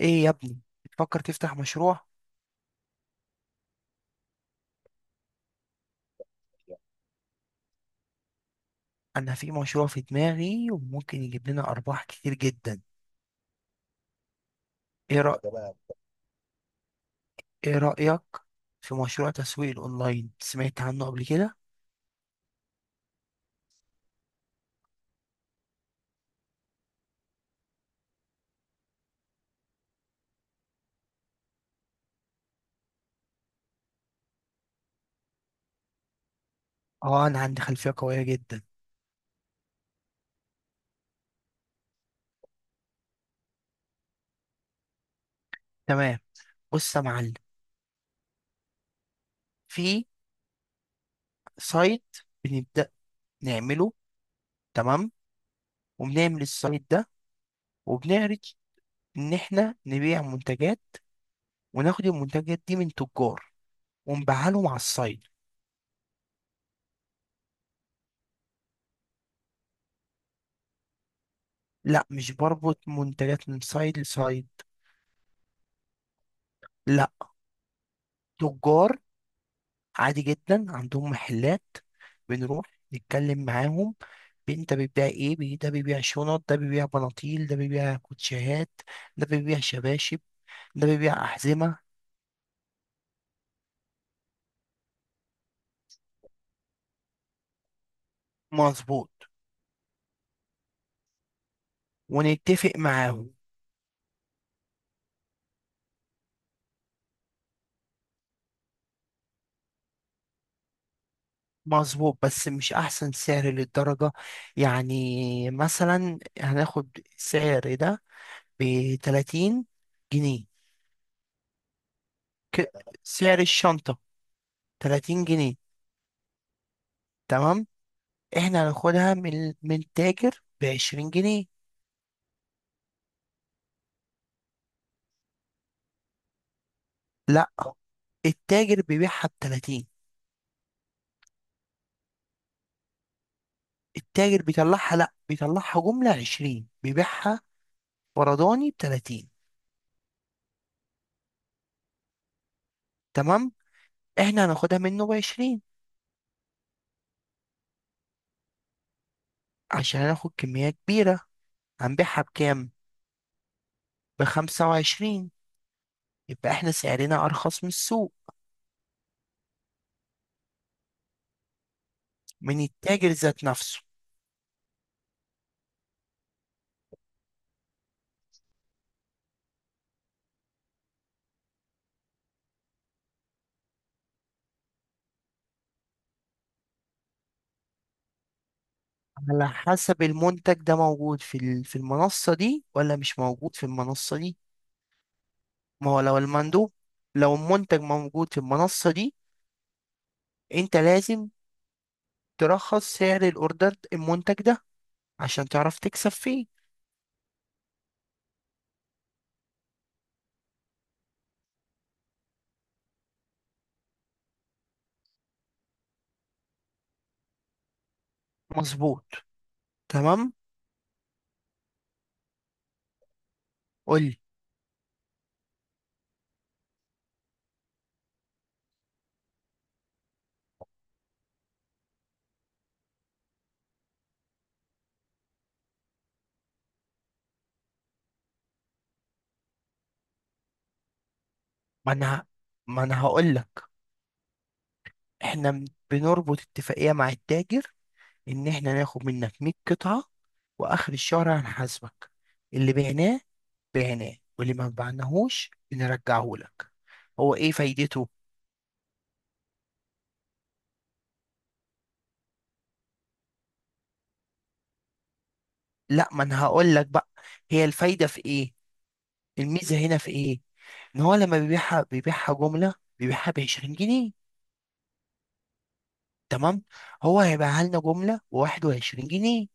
ايه يا ابني؟ بتفكر تفتح مشروع؟ انا في مشروع في دماغي وممكن يجيب لنا ارباح كتير جدا. ايه رأ... ايه رأيك في مشروع تسويق الاونلاين؟ سمعت عنه قبل كده؟ اه انا عندي خلفية قوية جدا. تمام. بص يا معلم، في سايت بنبدأ نعمله. تمام. وبنعمل السايت ده وبنعرض ان احنا نبيع منتجات، وناخد المنتجات دي من تجار ونبيعها لهم على السايت. لا، مش بربط منتجات من سايت لسايت. لا، تجار عادي جدا عندهم محلات. بنروح نتكلم معاهم: انت بتبيع ايه؟ ده بيبيع شنط، ده بيبيع بناطيل، ده بيبيع كوتشيهات، ده بيبيع شباشب، ده بيبيع أحزمة. مظبوط. ونتفق معاهم. مظبوط بس مش أحسن سعر للدرجة. يعني مثلا هناخد سعر ده بتلاتين جنيه. ك- سعر الشنطة. تلاتين جنيه. تمام. احنا هناخدها من التاجر بعشرين جنيه. لا، التاجر بيبيعها ب 30. التاجر بيطلعها، لا بيطلعها جملة 20، بيبيعها فرداني ب 30. تمام. احنا هناخدها منه ب 20 عشان هناخد كمية كبيرة. هنبيعها بكام؟ ب 25. يبقى احنا سعرنا ارخص من السوق. من التاجر ذات نفسه. على حسب المنتج ده موجود في في المنصة دي ولا مش موجود في المنصة دي. ما هو لو المندوب، لو المنتج موجود في المنصة دي، انت لازم ترخص سعر الاوردر المنتج ده عشان تعرف تكسب فيه. مظبوط. تمام. قول لي. ما انا ما انا هقول لك. احنا بنربط اتفاقية مع التاجر ان احنا ناخد منك 100 قطعة، واخر الشهر هنحاسبك. اللي بعناه بعناه، واللي ما بعناهوش بنرجعه لك. هو ايه فايدته؟ لا، ما انا هقول لك بقى. هي الفايدة في ايه؟ الميزة هنا في ايه؟ ان هو لما بيبيعها بيبيعها جملة، بيبيعها ب 20 جنيه. تمام. هو هيبقى لنا جملة بواحد وعشرين جنيه.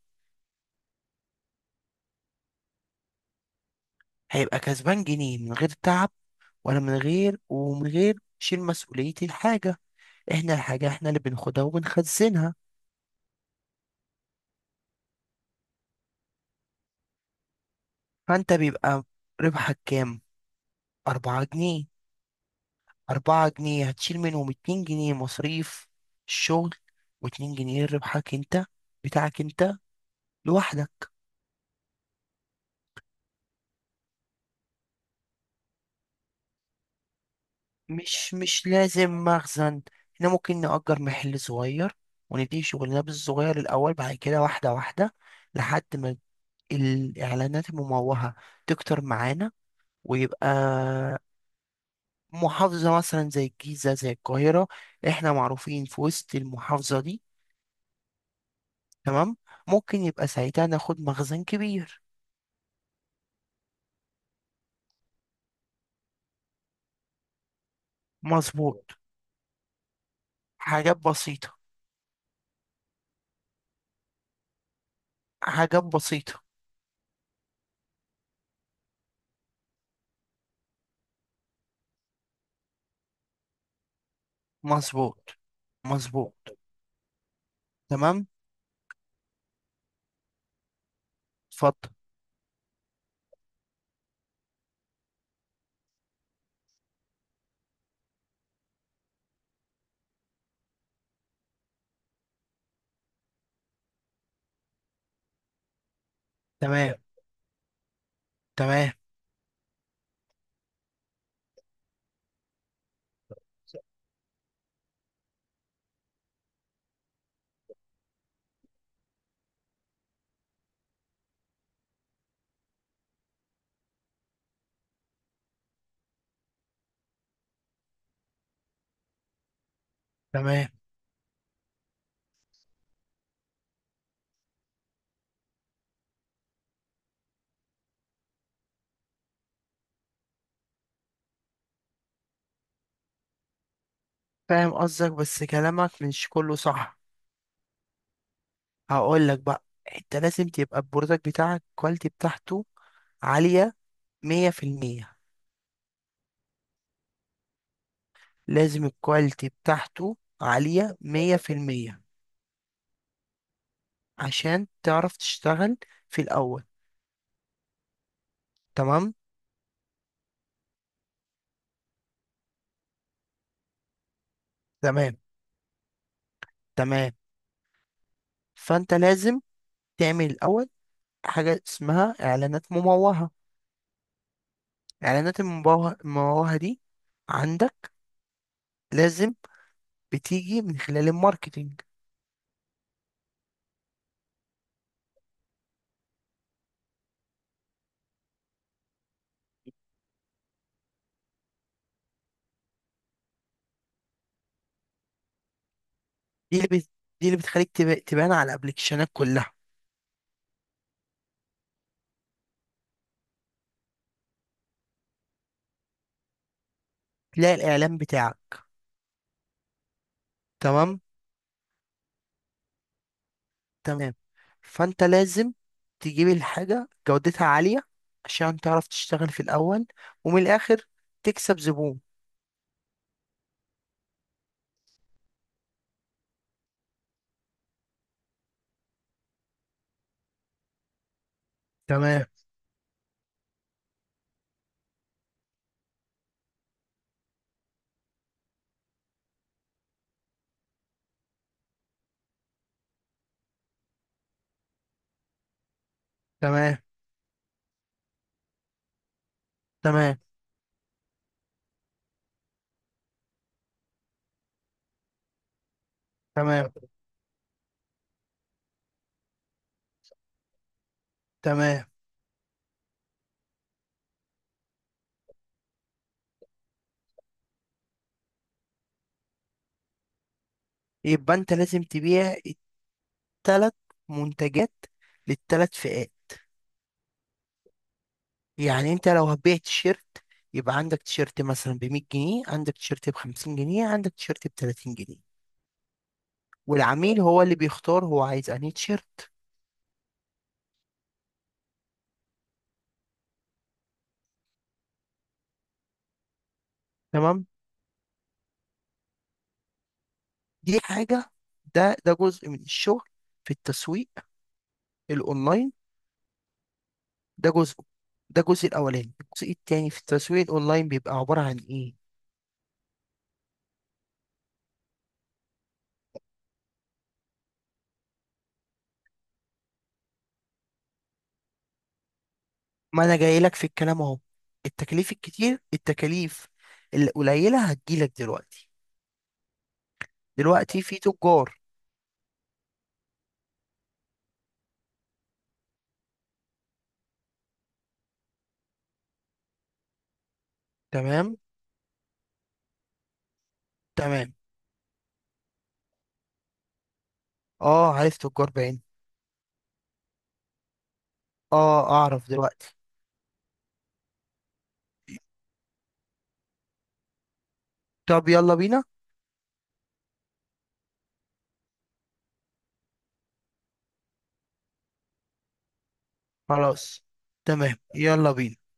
هيبقى كسبان جنيه من غير تعب، ولا من غير ومن غير شيل مسؤولية الحاجة. احنا الحاجة احنا اللي بناخدها وبنخزنها. فانت بيبقى ربحك كام؟ أربعة جنيه. أربعة جنيه هتشيل منهم اتنين جنيه مصاريف الشغل، واتنين جنيه ربحك انت، بتاعك انت لوحدك. مش لازم مخزن. احنا ممكن نأجر محل صغير ونديه شغلنا بالصغير الأول، بعد كده واحدة واحدة لحد ما الإعلانات المموهة تكتر معانا، ويبقى محافظة مثلا زي الجيزة زي القاهرة احنا معروفين في وسط المحافظة دي. تمام. ممكن يبقى ساعتها ناخد مخزن كبير. مظبوط. حاجات بسيطة. حاجات بسيطة. مظبوط. مظبوط. تمام. اتفضل. تمام. تمام. تمام. فاهم قصدك بس كلامك مش كله صح. هقول لك بقى. انت لازم تبقى البرودكت بتاعك الكواليتي بتاعته عالية مية في المية. لازم الكواليتي بتاعته عالية مية في المية عشان تعرف تشتغل في الأول. تمام. تمام. تمام. فأنت لازم تعمل الأول حاجة اسمها إعلانات مموهة. إعلانات المموهة المموهة دي عندك لازم بتيجي من خلال الماركتينج. دي اللي بت... دي اللي بتخليك تبان على الابلكيشنات كلها. تلاقي الاعلان بتاعك. تمام. تمام. فانت لازم تجيب الحاجه جودتها عاليه عشان تعرف تشتغل في الاول، ومن الاخر تكسب زبون. تمام. تمام. تمام. تمام. تمام. يبقى انت لازم تبيع التلات منتجات للتلات فئات. يعني انت لو هتبيع تيشيرت، يبقى عندك تيشيرت مثلا ب 100 جنيه، عندك تيشيرت ب 50 جنيه، عندك تيشيرت ب 30 جنيه، والعميل هو اللي بيختار هو عايز انهي تيشيرت. تمام. دي حاجة. ده جزء من الشغل في التسويق الأونلاين. ده جزء. ده الجزء الأولاني. الجزء التاني في التسويق الأونلاين بيبقى عبارة عن إيه؟ ما أنا جاي لك في الكلام أهو. التكاليف الكتير، التكاليف القليلة هتجيلك دلوقتي. دلوقتي في تجار. تمام. تمام. اه عارف تجار بعين. اه أعرف دلوقتي. طب يلا بينا. خلاص، تمام، يلا بينا.